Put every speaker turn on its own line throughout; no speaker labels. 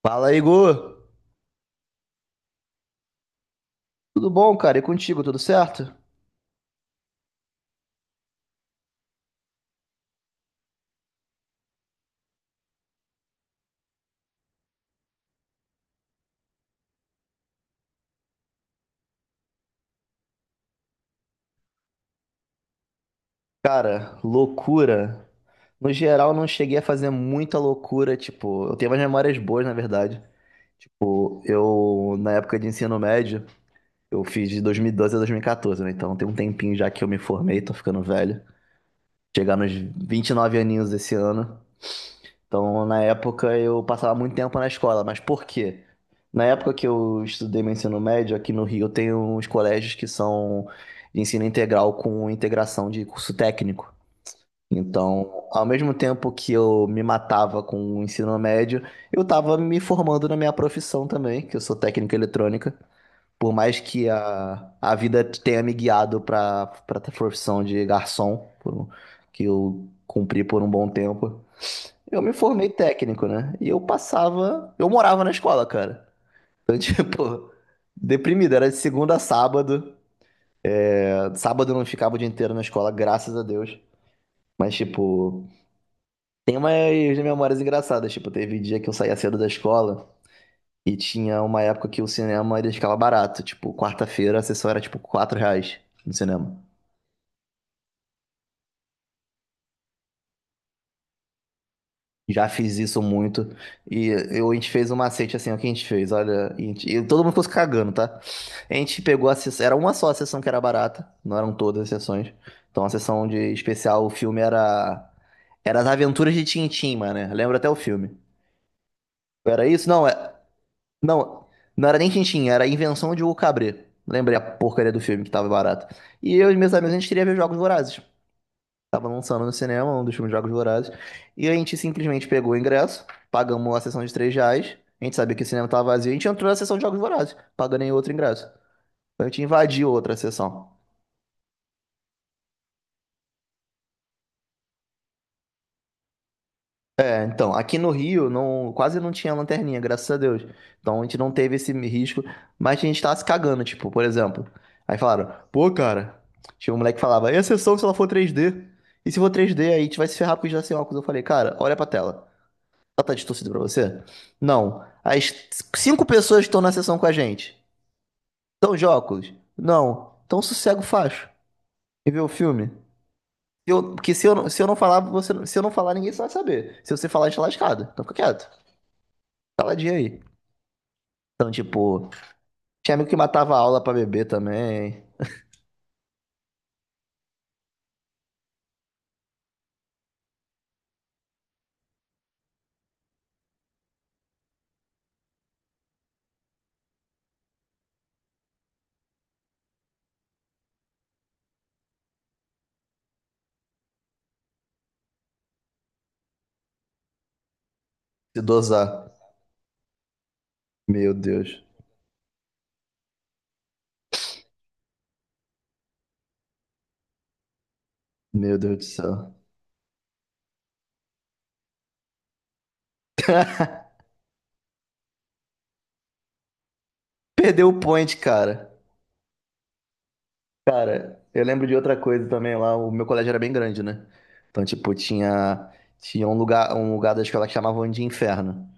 Fala, Igor! Tudo bom, cara? E contigo, tudo certo? Cara, loucura. No geral, não cheguei a fazer muita loucura, tipo, eu tenho umas memórias boas, na verdade. Tipo, eu, na época de ensino médio, eu fiz de 2012 a 2014, né? Então tem um tempinho já que eu me formei, tô ficando velho. Chegar nos 29 aninhos esse ano. Então, na época, eu passava muito tempo na escola, mas por quê? Na época que eu estudei meu ensino médio, aqui no Rio, tem uns colégios que são de ensino integral com integração de curso técnico. Então, ao mesmo tempo que eu me matava com o ensino médio, eu estava me formando na minha profissão também, que eu sou técnico em eletrônica. Por mais que a vida tenha me guiado para a profissão de garçom, que eu cumpri por um bom tempo. Eu me formei técnico, né? E eu passava. Eu morava na escola, cara. Então, tipo, deprimido. Era de segunda a sábado. Sábado eu não ficava o dia inteiro na escola, graças a Deus. Mas, tipo, tem umas memórias engraçadas. Tipo, teve dia que eu saía cedo da escola e tinha uma época que o cinema ele ficava barato. Tipo, quarta-feira a sessão era tipo R$ 4 no cinema. Já fiz isso muito. E eu, a gente fez um macete assim, ó, que a gente fez, olha. E todo mundo ficou se cagando, tá? A gente pegou a sessão. Era uma só a sessão que era barata, não eram todas as sessões. Então a sessão de especial, o filme era. Era As Aventuras de Tintim, mano, né? Lembro até o filme. Era isso? Não, é. Não, não era nem Tintim, era a Invenção de Hugo Cabret. Lembrei a porcaria do filme que tava barato. E eu e meus amigos, a gente queria ver Jogos Vorazes. Tava lançando no cinema, um dos filmes Jogos Vorazes. E a gente simplesmente pegou o ingresso, pagamos a sessão de R$ 3. A gente sabia que o cinema tava vazio, a gente entrou na sessão de Jogos Vorazes, pagando em outro ingresso. Então, a gente invadiu outra sessão. É, então, aqui no Rio, não, quase não tinha lanterninha, graças a Deus. Então a gente não teve esse risco, mas a gente tava se cagando, tipo, por exemplo. Aí falaram, pô, cara, tinha um moleque que falava, e a sessão se ela for 3D? E se for 3D, aí a gente vai se ferrar porque já sem óculos. Eu falei, cara, olha pra tela. Ela tá distorcida pra você? Não. As 5 pessoas que estão na sessão com a gente. Estão de óculos? Não. Então sossega o facho e vê o filme. Se eu- Porque se eu não falar, você, não- se eu não falar, ninguém vai saber. Se você falar, a gente tá lascado. Então fica quieto. Caladinho aí. Então, tipo, tinha amigo que matava a aula pra beber também. Se dosar. Meu Deus. Meu Deus do céu. Perdeu o point, cara. Cara, eu lembro de outra coisa também lá. O meu colégio era bem grande, né? Então, tipo, tinha um lugar da escola que chamavam de inferno.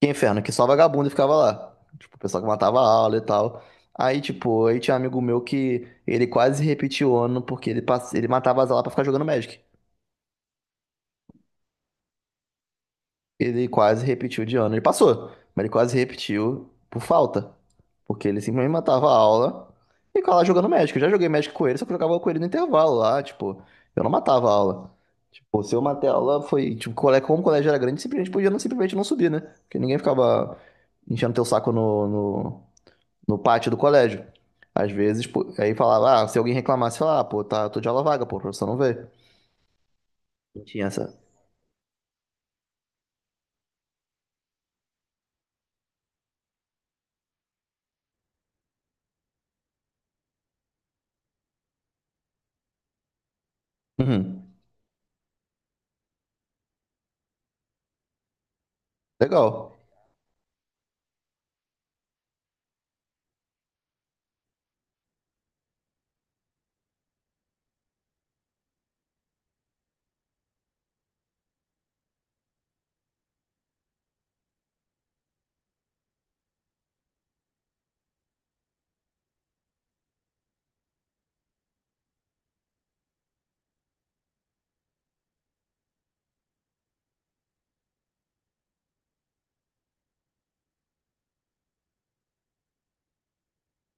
Que inferno, que só vagabundo ficava lá. Tipo, o pessoal que matava a aula e tal. Aí tinha um amigo meu que ele quase repetiu o ano porque ele matava as aulas pra ficar jogando Magic. Ele quase repetiu de ano. Ele passou, mas ele quase repetiu por falta. Porque ele simplesmente matava a aula e ficava lá jogando Magic. Eu já joguei Magic com ele, só que eu jogava com ele no intervalo lá, tipo, eu não matava a aula. Tipo, se eu matei a aula, foi, tipo, como o colégio era grande, simplesmente podia não, simplesmente não subir, né? Porque ninguém ficava enchendo teu saco no pátio do colégio. Às vezes, pô, aí falava, ah, se alguém reclamasse, falava, ah, pô, tá, tô de aula vaga, pô, o professor não veio. Não tinha essa. Uhum. Legal.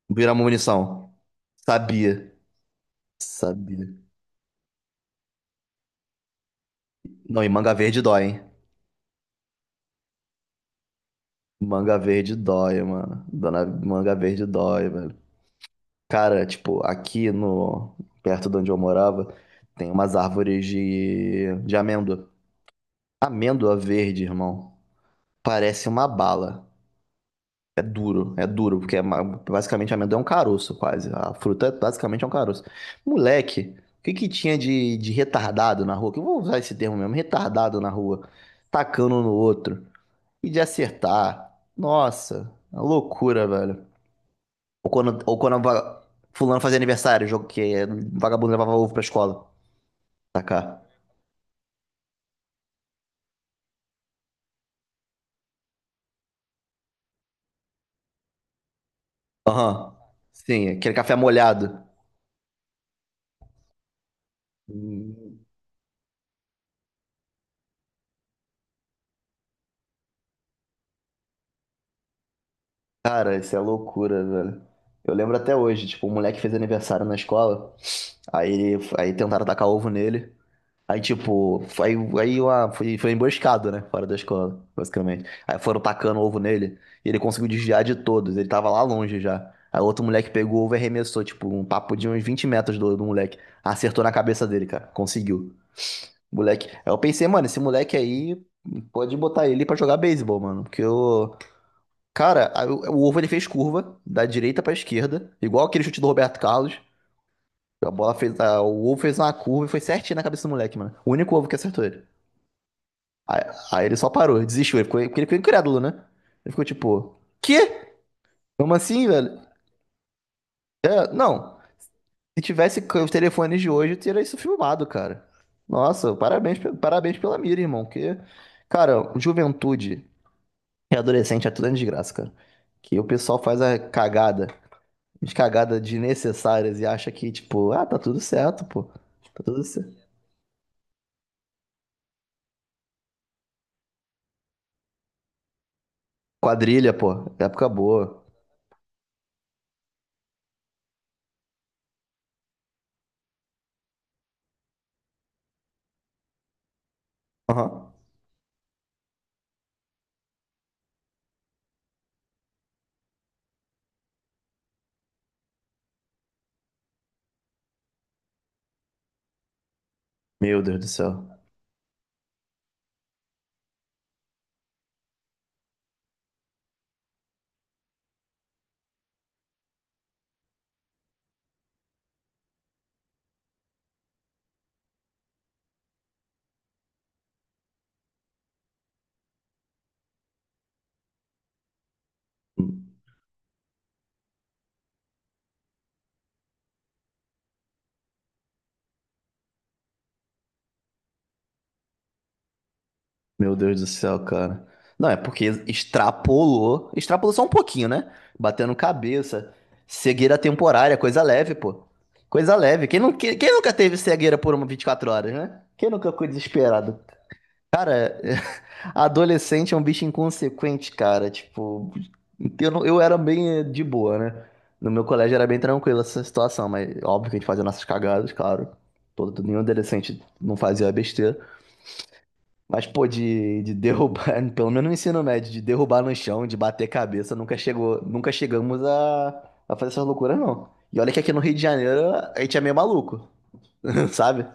Virar uma munição. Sabia. Sabia. Não, e manga verde dói, hein? Manga verde dói, mano. Dona manga verde dói, velho. Cara, tipo, aqui no perto de onde eu morava, tem umas árvores de amêndoa. Amêndoa verde, irmão. Parece uma bala. É duro, porque basicamente amendoim é um caroço, quase. A fruta basicamente é um caroço. Moleque, o que que tinha de retardado na rua? Que eu vou usar esse termo mesmo, retardado na rua, tacando um no outro e de acertar. Nossa, é uma loucura, velho. Ou quando, ou quando va- Fulano fazia aniversário, vagabundo levava ovo pra escola. Tacar. Aham. Sim, aquele café molhado. Hum. Cara, isso é loucura, velho. Eu lembro até hoje, tipo, um moleque fez aniversário na escola, aí tentaram tacar ovo nele. Aí, tipo, aí, aí uma, foi, Foi emboscado, né? Fora da escola, basicamente. Aí foram tacando ovo nele, e ele conseguiu desviar de todos, ele tava lá longe já. Aí outro moleque pegou o ovo e arremessou, tipo, um papo de uns 20 metros do moleque. Acertou na cabeça dele, cara, conseguiu. Moleque. Aí eu pensei, mano, esse moleque aí, pode botar ele pra jogar beisebol, mano, porque eu. Cara, o ovo ele fez curva da direita pra esquerda, igual aquele chute do Roberto Carlos. A bola fez, a- O ovo fez uma curva e foi certinho na cabeça do moleque, mano. O único ovo que acertou ele. Aí, aí ele só parou, desistiu, ele ficou, porque ele ficou incrédulo, né? Ele ficou tipo, quê? Como assim, velho? É, não. Se tivesse c- Os telefones de hoje, eu teria isso filmado, cara. Nossa, parabéns pela mira, irmão. Que, cara, juventude e adolescente é tudo uma desgraça, cara. Que o pessoal faz a cagada desnecessárias e acha que, tipo, ah, tá tudo certo, pô. Tá tudo certo. Quadrilha, pô. Época boa. Aham. Meu Deus do céu. Meu Deus do céu, cara. Não, é porque extrapolou. Extrapolou só um pouquinho, né? Batendo cabeça. Cegueira temporária, coisa leve, pô. Coisa leve. Quem, não, quem, Quem nunca teve cegueira por uma 24 horas, né? Quem nunca ficou desesperado? Cara, adolescente é um bicho inconsequente, cara. Tipo, eu, não- eu era bem de boa, né? No meu colégio era bem tranquila essa situação, mas óbvio que a gente fazia nossas cagadas, claro. Todo, nenhum adolescente não fazia besteira. Mas, pô, de derrubar, pelo menos no ensino médio, de derrubar no chão, de bater cabeça, nunca chegou, nunca chegamos a fazer essas loucuras, não. E olha que aqui no Rio de Janeiro a gente é meio maluco, sabe?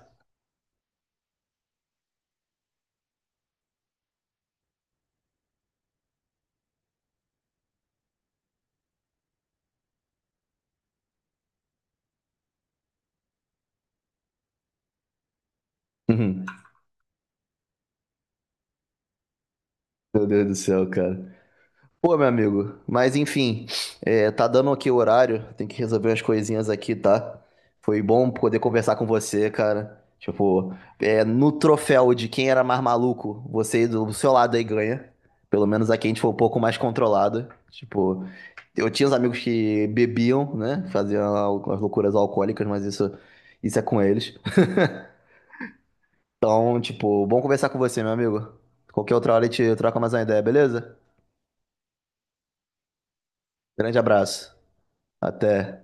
Uhum. Meu Deus do céu, cara. Pô, meu amigo, mas enfim, é, tá dando aqui o horário, tem que resolver umas coisinhas aqui, tá? Foi bom poder conversar com você, cara. Tipo, é, no troféu de quem era mais maluco, você do seu lado aí ganha. Pelo menos aqui a gente foi um pouco mais controlado. Tipo, eu tinha os amigos que bebiam, né? Faziam algumas loucuras alcoólicas, mas isso é com eles. Então, tipo, bom conversar com você, meu amigo. Qualquer outra hora a gente troca mais uma ideia, beleza? Grande abraço. Até.